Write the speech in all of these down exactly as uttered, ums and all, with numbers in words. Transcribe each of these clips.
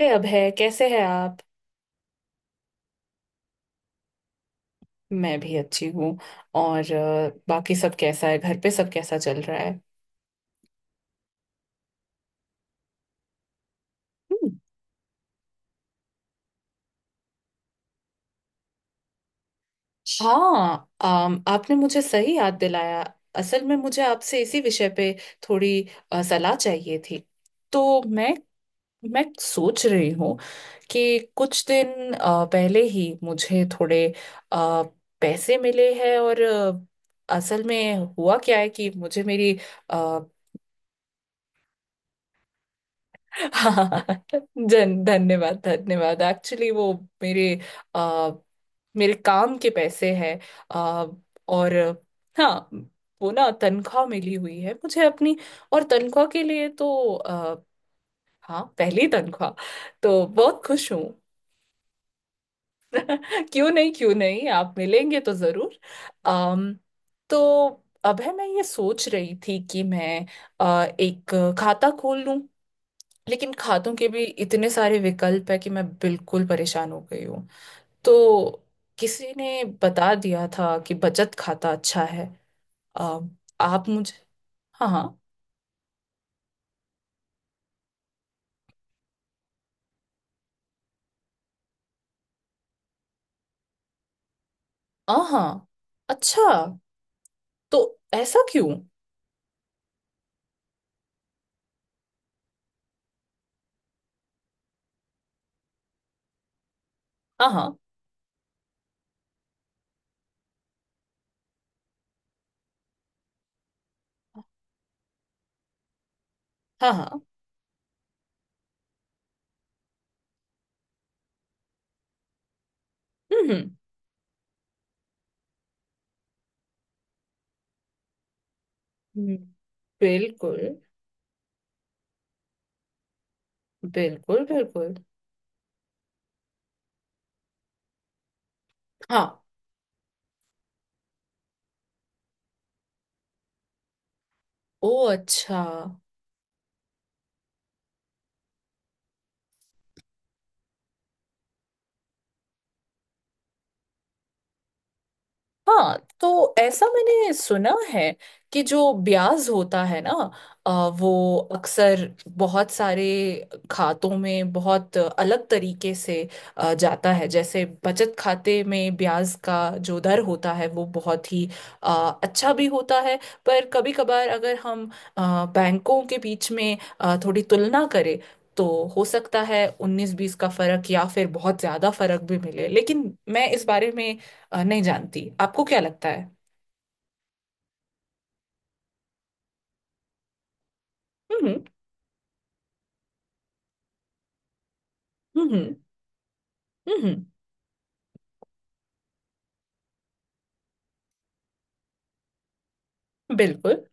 अरे अभय, कैसे हैं आप। मैं भी अच्छी हूँ। और अ, बाकी सब कैसा है, घर पे सब कैसा चल रहा है। हम्म। हाँ, अम, आपने मुझे सही याद दिलाया। असल में मुझे आपसे इसी विषय पे थोड़ी अ, सलाह चाहिए थी। तो मैं मैं सोच रही हूँ कि कुछ दिन अ, पहले ही मुझे थोड़े अ, पैसे मिले हैं और अ, असल में हुआ क्या है कि मुझे मेरी हाँ। जन धन्यवाद धन्यवाद एक्चुअली वो मेरे आ, मेरे काम के पैसे हैं। आ, और हाँ, वो ना तनख्वाह मिली हुई है मुझे अपनी। और तनख्वाह के लिए तो आ, हाँ, पहली तनख्वाह। तो बहुत खुश हूँ। क्यों नहीं, क्यों नहीं, आप मिलेंगे तो जरूर। अम तो अब है, मैं ये सोच रही थी कि मैं आ, एक खाता खोल। लेकिन खातों के भी इतने सारे विकल्प है कि मैं बिल्कुल परेशान हो गई हूँ। तो किसी ने बता दिया था कि बचत खाता अच्छा है। आ, आप मुझे। हाँ हाँ। हाँ हाँ। अच्छा, तो ऐसा क्यों। हाँ हाँ। हाँ हाँ। हम्म हम्म। हम्म, बिल्कुल। बिल्कुल बिल्कुल। हाँ। ओ अच्छा। हाँ, तो ऐसा मैंने सुना है कि जो ब्याज होता है ना, अ, वो अक्सर बहुत सारे खातों में बहुत अलग तरीके से अ, जाता है। जैसे बचत खाते में ब्याज का जो दर होता है वो बहुत ही अ, अच्छा भी होता है, पर कभी कभार अगर हम अ, बैंकों के बीच में अ, थोड़ी तुलना करें, तो हो सकता है उन्नीस बीस का फर्क या फिर बहुत ज्यादा फर्क भी मिले, लेकिन मैं इस बारे में अ, नहीं जानती, आपको क्या लगता है। हम्म हम्म। हम्म बिल्कुल।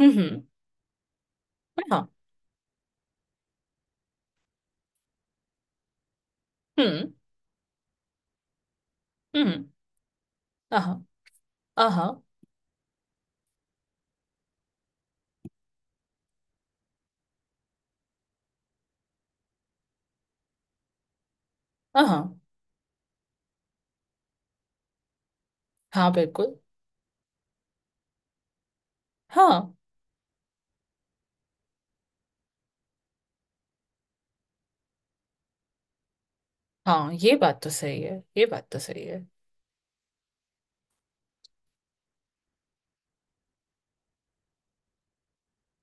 हम्म हम्म, हाँ। हम्म हम्म। हाँ हाँ। हाँ हाँ, बिल्कुल। हाँ हाँ, ये बात तो सही है, ये बात तो सही है।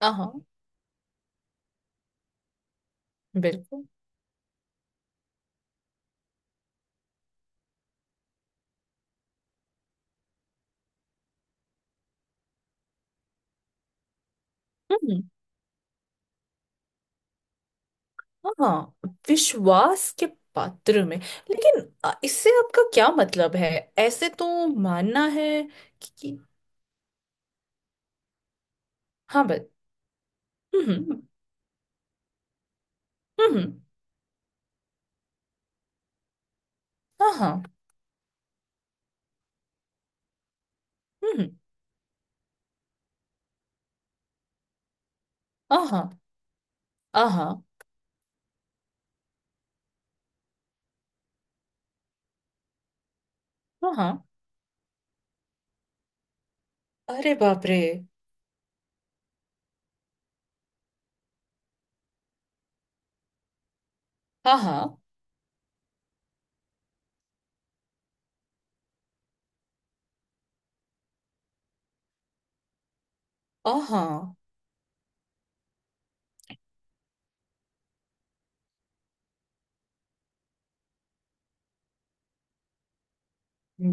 हाँ बिल्कुल। हम्म। हाँ, विश्वास के पात्र में। लेकिन अ, इससे आपका क्या मतलब है, ऐसे तो मानना है कि, कि। हाँ, बस। हम्म हम्म। हाँ हाँ। हम्म। हाँ हाँ हाँ। अरे बाप रे। हाँ हाँ। हाँ हाँ,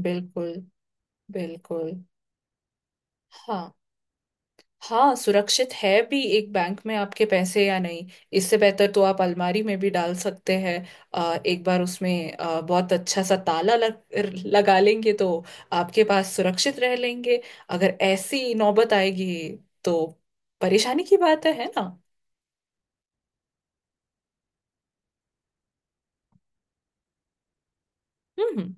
बिल्कुल बिल्कुल। हाँ। हाँ, सुरक्षित है भी एक बैंक में आपके पैसे या नहीं। इससे बेहतर तो आप अलमारी में भी डाल सकते हैं। अ, एक बार उसमें अ, बहुत अच्छा सा ताला लग, लगा लेंगे तो आपके पास सुरक्षित रह लेंगे, अगर ऐसी नौबत आएगी तो। परेशानी की बात है है ना। हम्म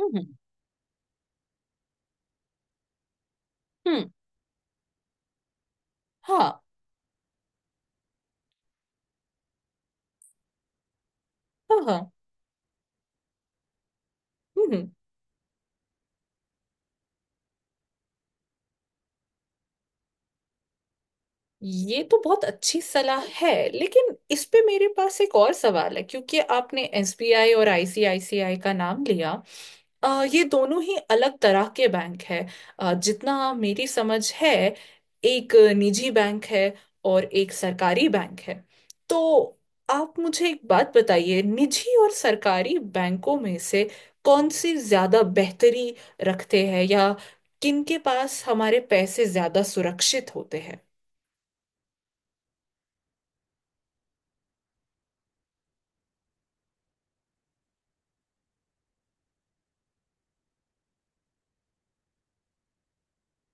हम्म। हम्म हम्म, हाँ हाँ हाँ। हम्म। ये तो बहुत अच्छी सलाह है, लेकिन इस पे मेरे पास एक और सवाल है क्योंकि आपने एसबीआई और आईसीआईसीआई का नाम लिया। अ, ये दोनों ही अलग तरह के बैंक है। अ, जितना मेरी समझ है, एक निजी बैंक है और एक सरकारी बैंक है। तो आप मुझे एक बात बताइए, निजी और सरकारी बैंकों में से कौन सी ज्यादा बेहतरी रखते हैं, या किनके पास हमारे पैसे ज्यादा सुरक्षित होते हैं।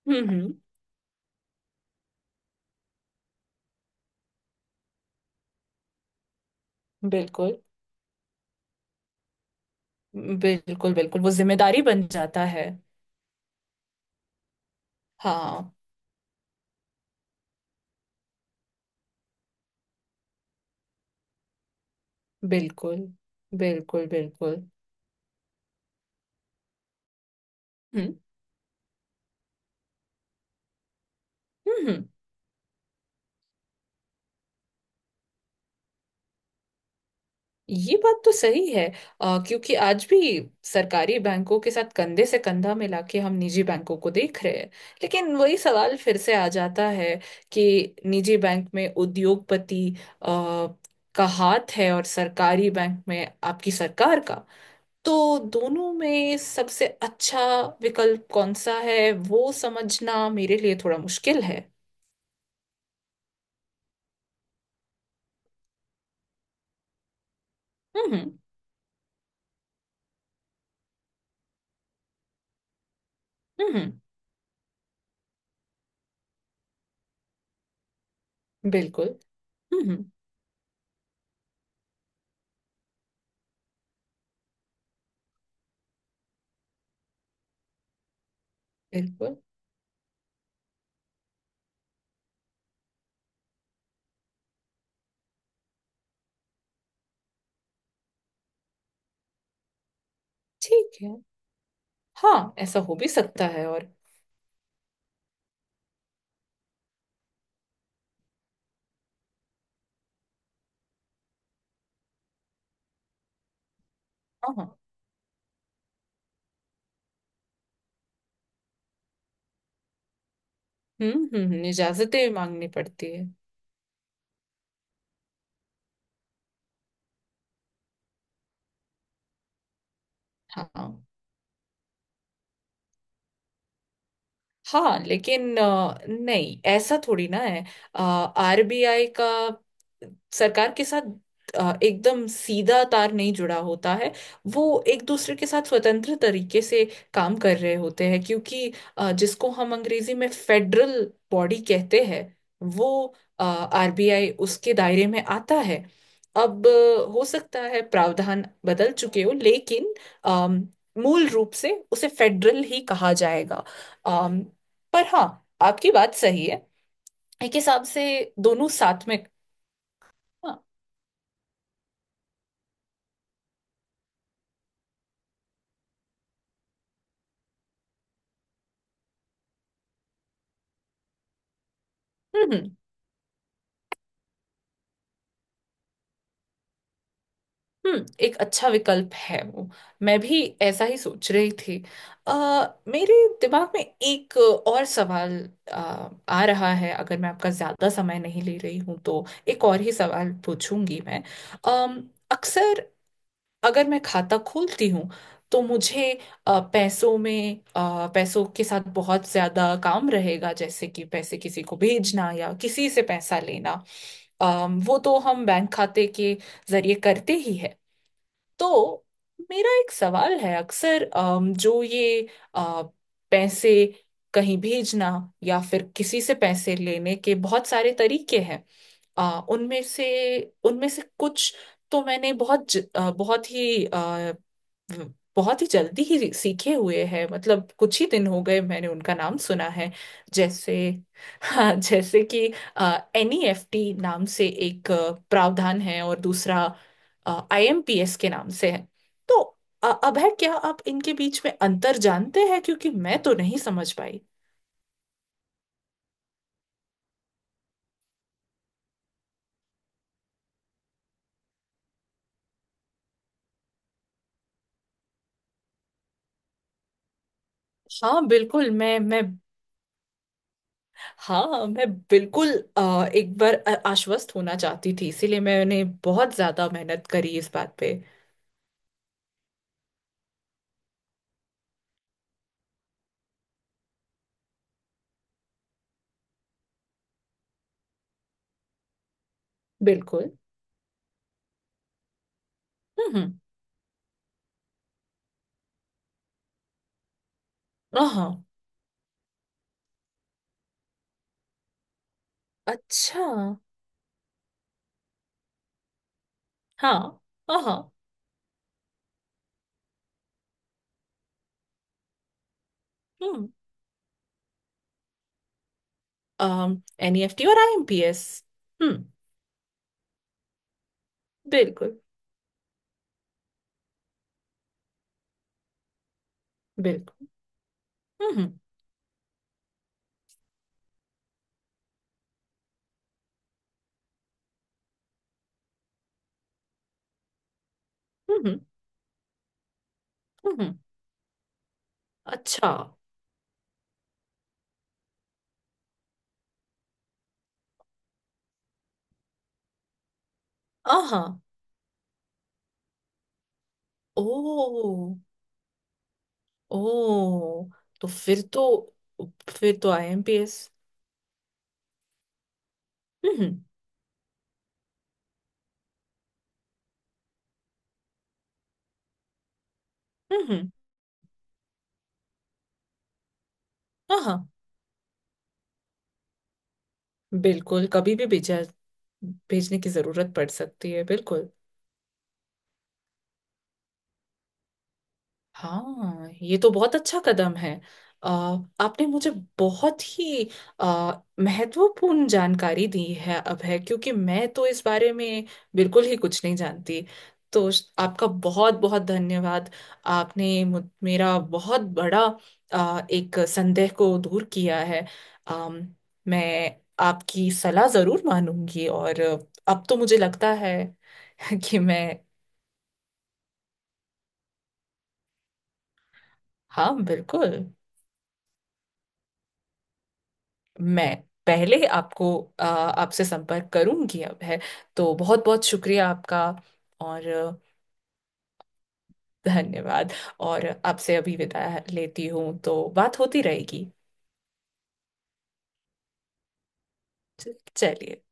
हम्म। बिल्कुल बिल्कुल बिल्कुल, वो जिम्मेदारी बन जाता है। हाँ बिल्कुल बिल्कुल बिल्कुल। हम्म हम्म। हम्म, ये बात तो सही है। अ, क्योंकि आज भी सरकारी बैंकों के साथ कंधे से कंधा मिला के हम निजी बैंकों को देख रहे हैं। लेकिन वही सवाल फिर से आ जाता है कि निजी बैंक में उद्योगपति अ, का हाथ है और सरकारी बैंक में आपकी सरकार का। तो दोनों में सबसे अच्छा विकल्प कौन सा है, वो समझना मेरे लिए थोड़ा मुश्किल है। हम्म हम्म। हम्म, बिल्कुल। हम्म हम्म, बिल्कुल। ठीक है, हाँ, ऐसा हो भी सकता है, और हाँ हाँ। हम्म हम्म, इजाजतें मांगनी पड़ती है। हाँ हाँ, लेकिन अ, नहीं, ऐसा थोड़ी ना है। आरबीआई का सरकार के साथ अ, एकदम सीधा तार नहीं जुड़ा होता है। वो एक दूसरे के साथ स्वतंत्र तरीके से काम कर रहे होते हैं, क्योंकि अ, जिसको हम अंग्रेजी में फेडरल बॉडी कहते हैं, वो आरबीआई उसके दायरे में आता है। अब अ, हो सकता है प्रावधान बदल चुके हो, लेकिन अम, मूल रूप से उसे फेडरल ही कहा जाएगा। पर हाँ, आपकी बात सही है एक हिसाब से, दोनों साथ में। हाँ, हम्म हम्म। हम्म, एक अच्छा विकल्प है वो। मैं भी ऐसा ही सोच रही थी। आ, मेरे दिमाग में एक और सवाल आ, आ रहा है। अगर मैं आपका ज्यादा समय नहीं ले रही हूं तो एक और ही सवाल पूछूंगी मैं। अम, अक्सर अगर मैं खाता खोलती हूँ तो मुझे अ, पैसों में, अ, पैसों के साथ बहुत ज्यादा काम रहेगा, जैसे कि पैसे किसी को भेजना या किसी से पैसा लेना। अम, वो तो हम बैंक खाते के जरिए करते ही है। तो मेरा एक सवाल है, अक्सर अम, जो ये अ, पैसे कहीं भेजना या फिर किसी से पैसे लेने के बहुत सारे तरीके हैं। आ, उनमें से उनमें से कुछ तो मैंने बहुत ज, आ, बहुत ही आ, व- बहुत ही जल्दी ही सीखे हुए हैं, मतलब कुछ ही दिन हो गए मैंने उनका नाम सुना है। जैसे, हाँ, जैसे कि एन ई एफ टी नाम से एक आ, प्रावधान है और दूसरा आई एम पी एस के नाम से है। तो अ, अभय, क्या आप इनके बीच में अंतर जानते हैं, क्योंकि मैं तो नहीं समझ पाई। हाँ बिल्कुल। मैं मैं। हाँ मैं बिल्कुल अ, एक बार अ- आश्वस्त होना चाहती थी, इसीलिए मैंने बहुत ज्यादा मेहनत करी इस बात पे। बिल्कुल। हम्म हम्म, हाँ। अच्छा। हाँ हाँ। हम्म। अम एनईएफटी और आईएमपीएस। हम्म बिल्कुल बिल्कुल। हम्म हम्म। हम्म हम्म। अच्छा हाँ। ओ ओ, तो फिर तो फिर तो आईएमपीएस। हम्म हम्म। हम्म, हाँ हाँ, बिल्कुल, कभी भी भेजा भेजने की जरूरत पड़ सकती है, बिल्कुल। हाँ, ये तो बहुत अच्छा कदम है। अ, आपने मुझे बहुत ही अ, महत्वपूर्ण जानकारी दी है अभय, क्योंकि मैं तो इस बारे में बिल्कुल ही कुछ नहीं जानती। तो श- आपका बहुत बहुत धन्यवाद। आपने मु- मेरा बहुत बड़ा अ, एक संदेह को दूर किया है। अम, मैं आपकी सलाह जरूर मानूंगी, और अब तो मुझे लगता है कि मैं। हाँ बिल्कुल, मैं पहले आपको अ, आपसे संपर्क करूंगी, अब है। तो बहुत बहुत शुक्रिया आपका, और अ, धन्यवाद। और आपसे अभी विदा लेती हूँ, तो बात होती रहेगी। च- चलिए।